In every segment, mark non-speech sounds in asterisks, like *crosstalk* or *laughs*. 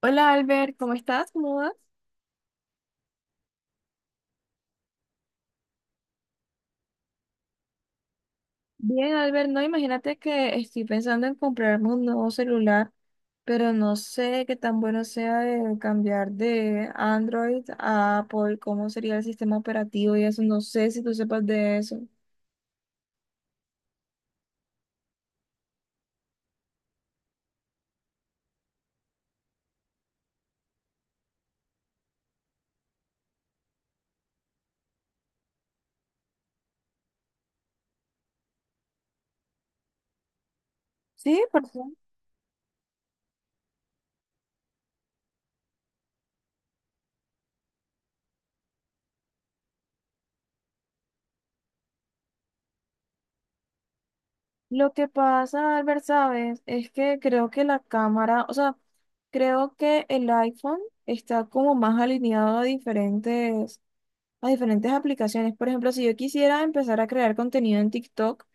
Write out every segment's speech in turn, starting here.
Hola Albert, ¿cómo estás? ¿Cómo vas? Bien, Albert, no, imagínate que estoy pensando en comprarme un nuevo celular, pero no sé qué tan bueno sea el cambiar de Android a Apple, cómo sería el sistema operativo y eso, no sé si tú sepas de eso. Sí, por favor. Lo que pasa, Albert, sabes, es que creo que la cámara, o sea, creo que el iPhone está como más alineado a diferentes aplicaciones. Por ejemplo, si yo quisiera empezar a crear contenido en TikTok,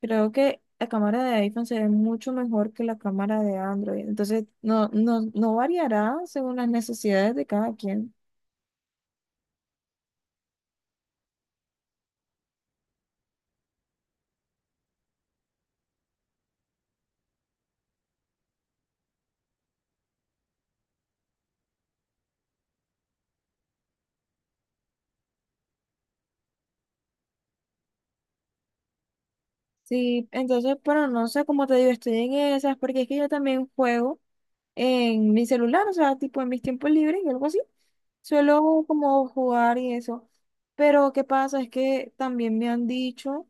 creo que la cámara de iPhone se ve mucho mejor que la cámara de Android. Entonces, no, no, no variará según las necesidades de cada quien. Sí, entonces, pero no sé, cómo te digo, estoy en esas, porque es que yo también juego en mi celular, o sea, tipo en mis tiempos libres y algo así. Suelo como jugar y eso. Pero ¿qué pasa? Es que también me han dicho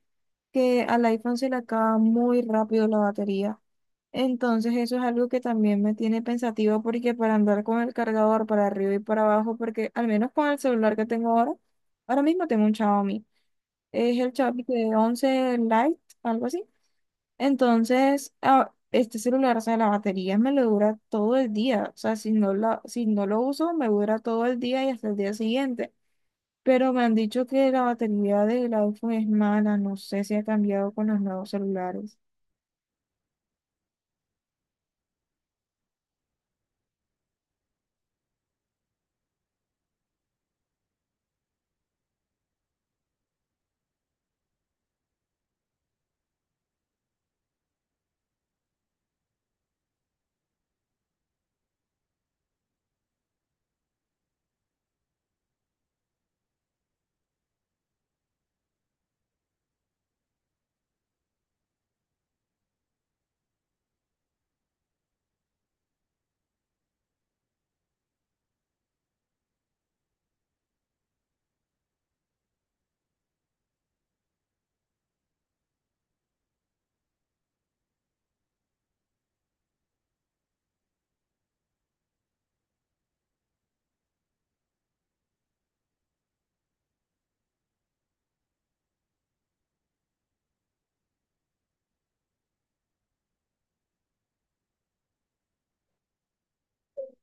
que al iPhone se le acaba muy rápido la batería. Entonces eso es algo que también me tiene pensativa porque para andar con el cargador para arriba y para abajo, porque al menos con el celular que tengo ahora, ahora mismo tengo un Xiaomi. Es el Xiaomi de 11 Lite, algo así. Entonces, este celular, o sea, la batería me lo dura todo el día. O sea, si no lo uso, me dura todo el día y hasta el día siguiente. Pero me han dicho que la batería del iPhone es mala. No sé si ha cambiado con los nuevos celulares.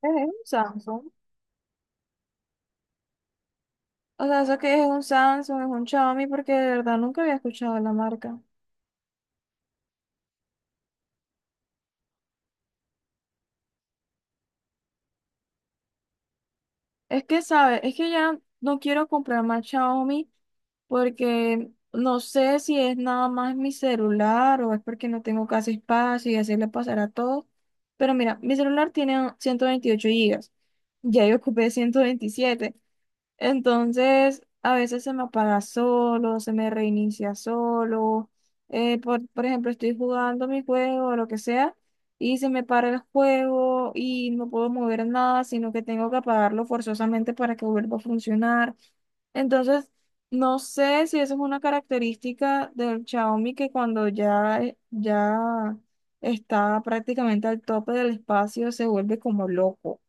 Es un Samsung. O sea, eso que es un Samsung, es un Xiaomi, porque de verdad nunca había escuchado la marca. Es que, ¿sabes? Es que ya no quiero comprar más Xiaomi porque no sé si es nada más mi celular o es porque no tengo casi espacio y así le pasará a todo. Pero mira, mi celular tiene 128 gigas. Ya yo ocupé 127, entonces, a veces se me apaga solo, se me reinicia solo. Por ejemplo, estoy jugando mi juego o lo que sea y se me para el juego y no puedo mover nada, sino que tengo que apagarlo forzosamente para que vuelva a funcionar. Entonces, no sé si eso es una característica del Xiaomi que cuando ya, ya está prácticamente al tope del espacio, se vuelve como loco.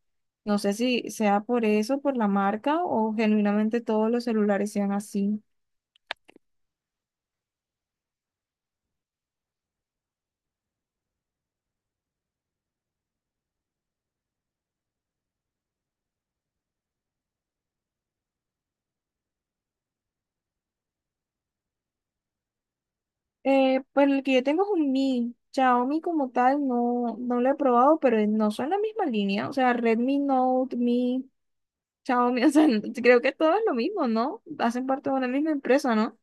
No sé si sea por eso, por la marca o genuinamente todos los celulares sean así. Pues el que yo tengo es un Mi. Xiaomi como tal no, no lo he probado, pero no son la misma línea. O sea, Redmi Note, Mi, Xiaomi, *laughs* o sea, creo que todo es lo mismo, ¿no? Hacen parte de una misma empresa, ¿no?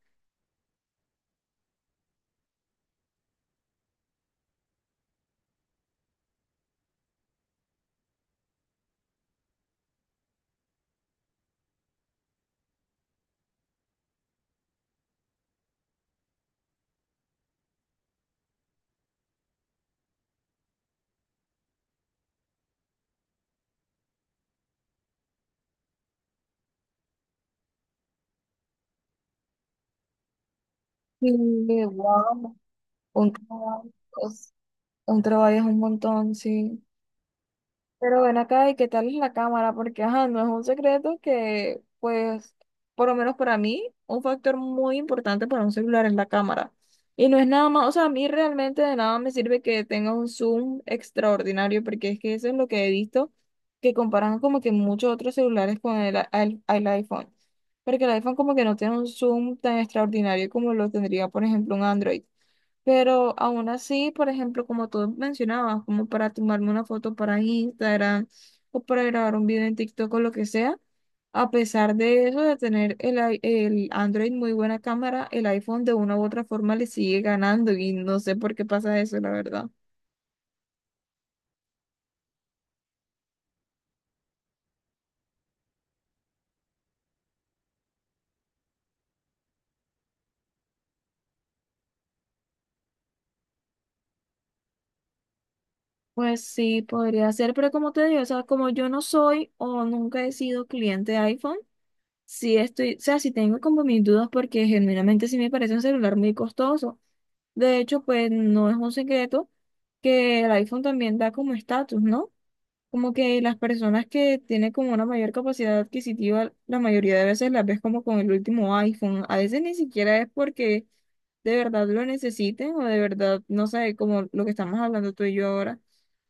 Sí, wow. Un trabajo, es- un trabajo es un montón, sí. Pero ven acá, ¿y qué tal es la cámara? Porque, ajá, no es un secreto que, pues, por lo menos para mí, un factor muy importante para un celular es la cámara. Y no es nada más, o sea, a mí realmente de nada me sirve que tenga un zoom extraordinario, porque es que eso es lo que he visto, que comparan como que muchos otros celulares con el iPhone. Porque el iPhone como que no tiene un zoom tan extraordinario como lo tendría, por ejemplo, un Android. Pero aún así, por ejemplo, como tú mencionabas, como para tomarme una foto para Instagram o para grabar un video en TikTok o lo que sea, a pesar de eso, de tener el Android muy buena cámara, el iPhone de una u otra forma le sigue ganando y no sé por qué pasa eso, la verdad. Pues sí, podría ser, pero como te digo, o sea, como yo no soy o nunca he sido cliente de iPhone, sí estoy, o sea, sí tengo como mis dudas porque genuinamente sí me parece un celular muy costoso. De hecho, pues no es un secreto que el iPhone también da como estatus, ¿no? Como que las personas que tienen como una mayor capacidad adquisitiva, la mayoría de veces las ves como con el último iPhone. A veces ni siquiera es porque de verdad lo necesiten o de verdad, no sé, como lo que estamos hablando tú y yo ahora,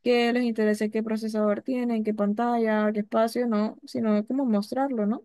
que les interese qué procesador tienen, qué pantalla, qué espacio, no, sino como mostrarlo, ¿no?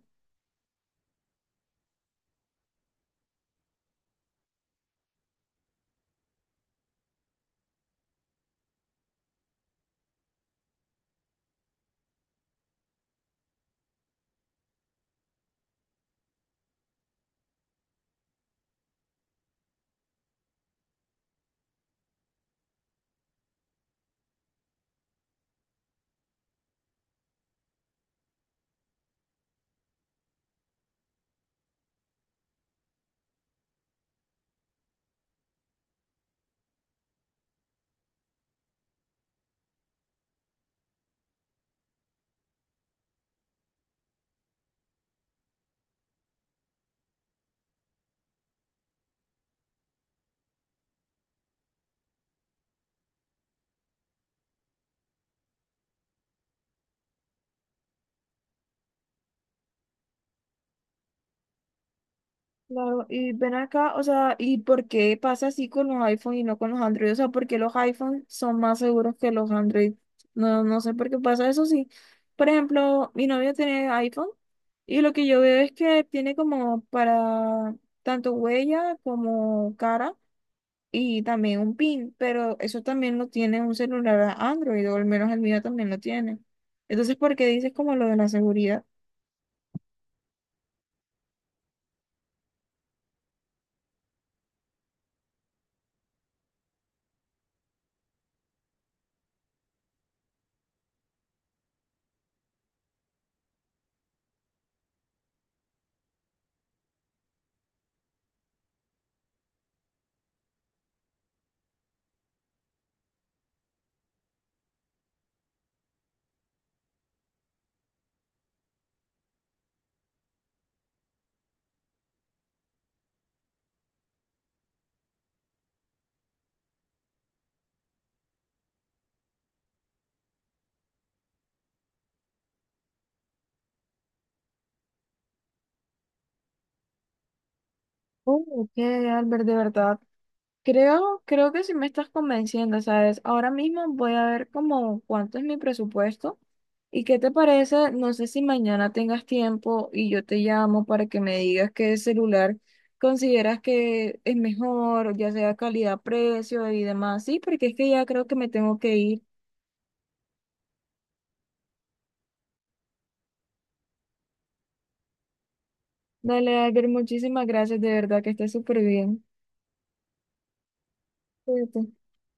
Claro, y ven acá, o sea, ¿y por qué pasa así con los iPhone y no con los Android? O sea, ¿por qué los iPhone son más seguros que los Android? No, no sé por qué pasa eso, sí. Por ejemplo, mi novio tiene iPhone y lo que yo veo es que tiene como para tanto huella como cara y también un PIN, pero eso también lo tiene un celular Android, o al menos el mío también lo tiene. Entonces, ¿por qué dices como lo de la seguridad? Oh, ok, Albert, de verdad. Creo que sí me estás convenciendo, ¿sabes? Ahora mismo voy a ver como cuánto es mi presupuesto y qué te parece, no sé si mañana tengas tiempo y yo te llamo para que me digas qué celular consideras que es mejor, ya sea calidad, precio y demás. Sí, porque es que ya creo que me tengo que ir. Dale, Albert, muchísimas gracias, de verdad que estés súper bien. Cuídate.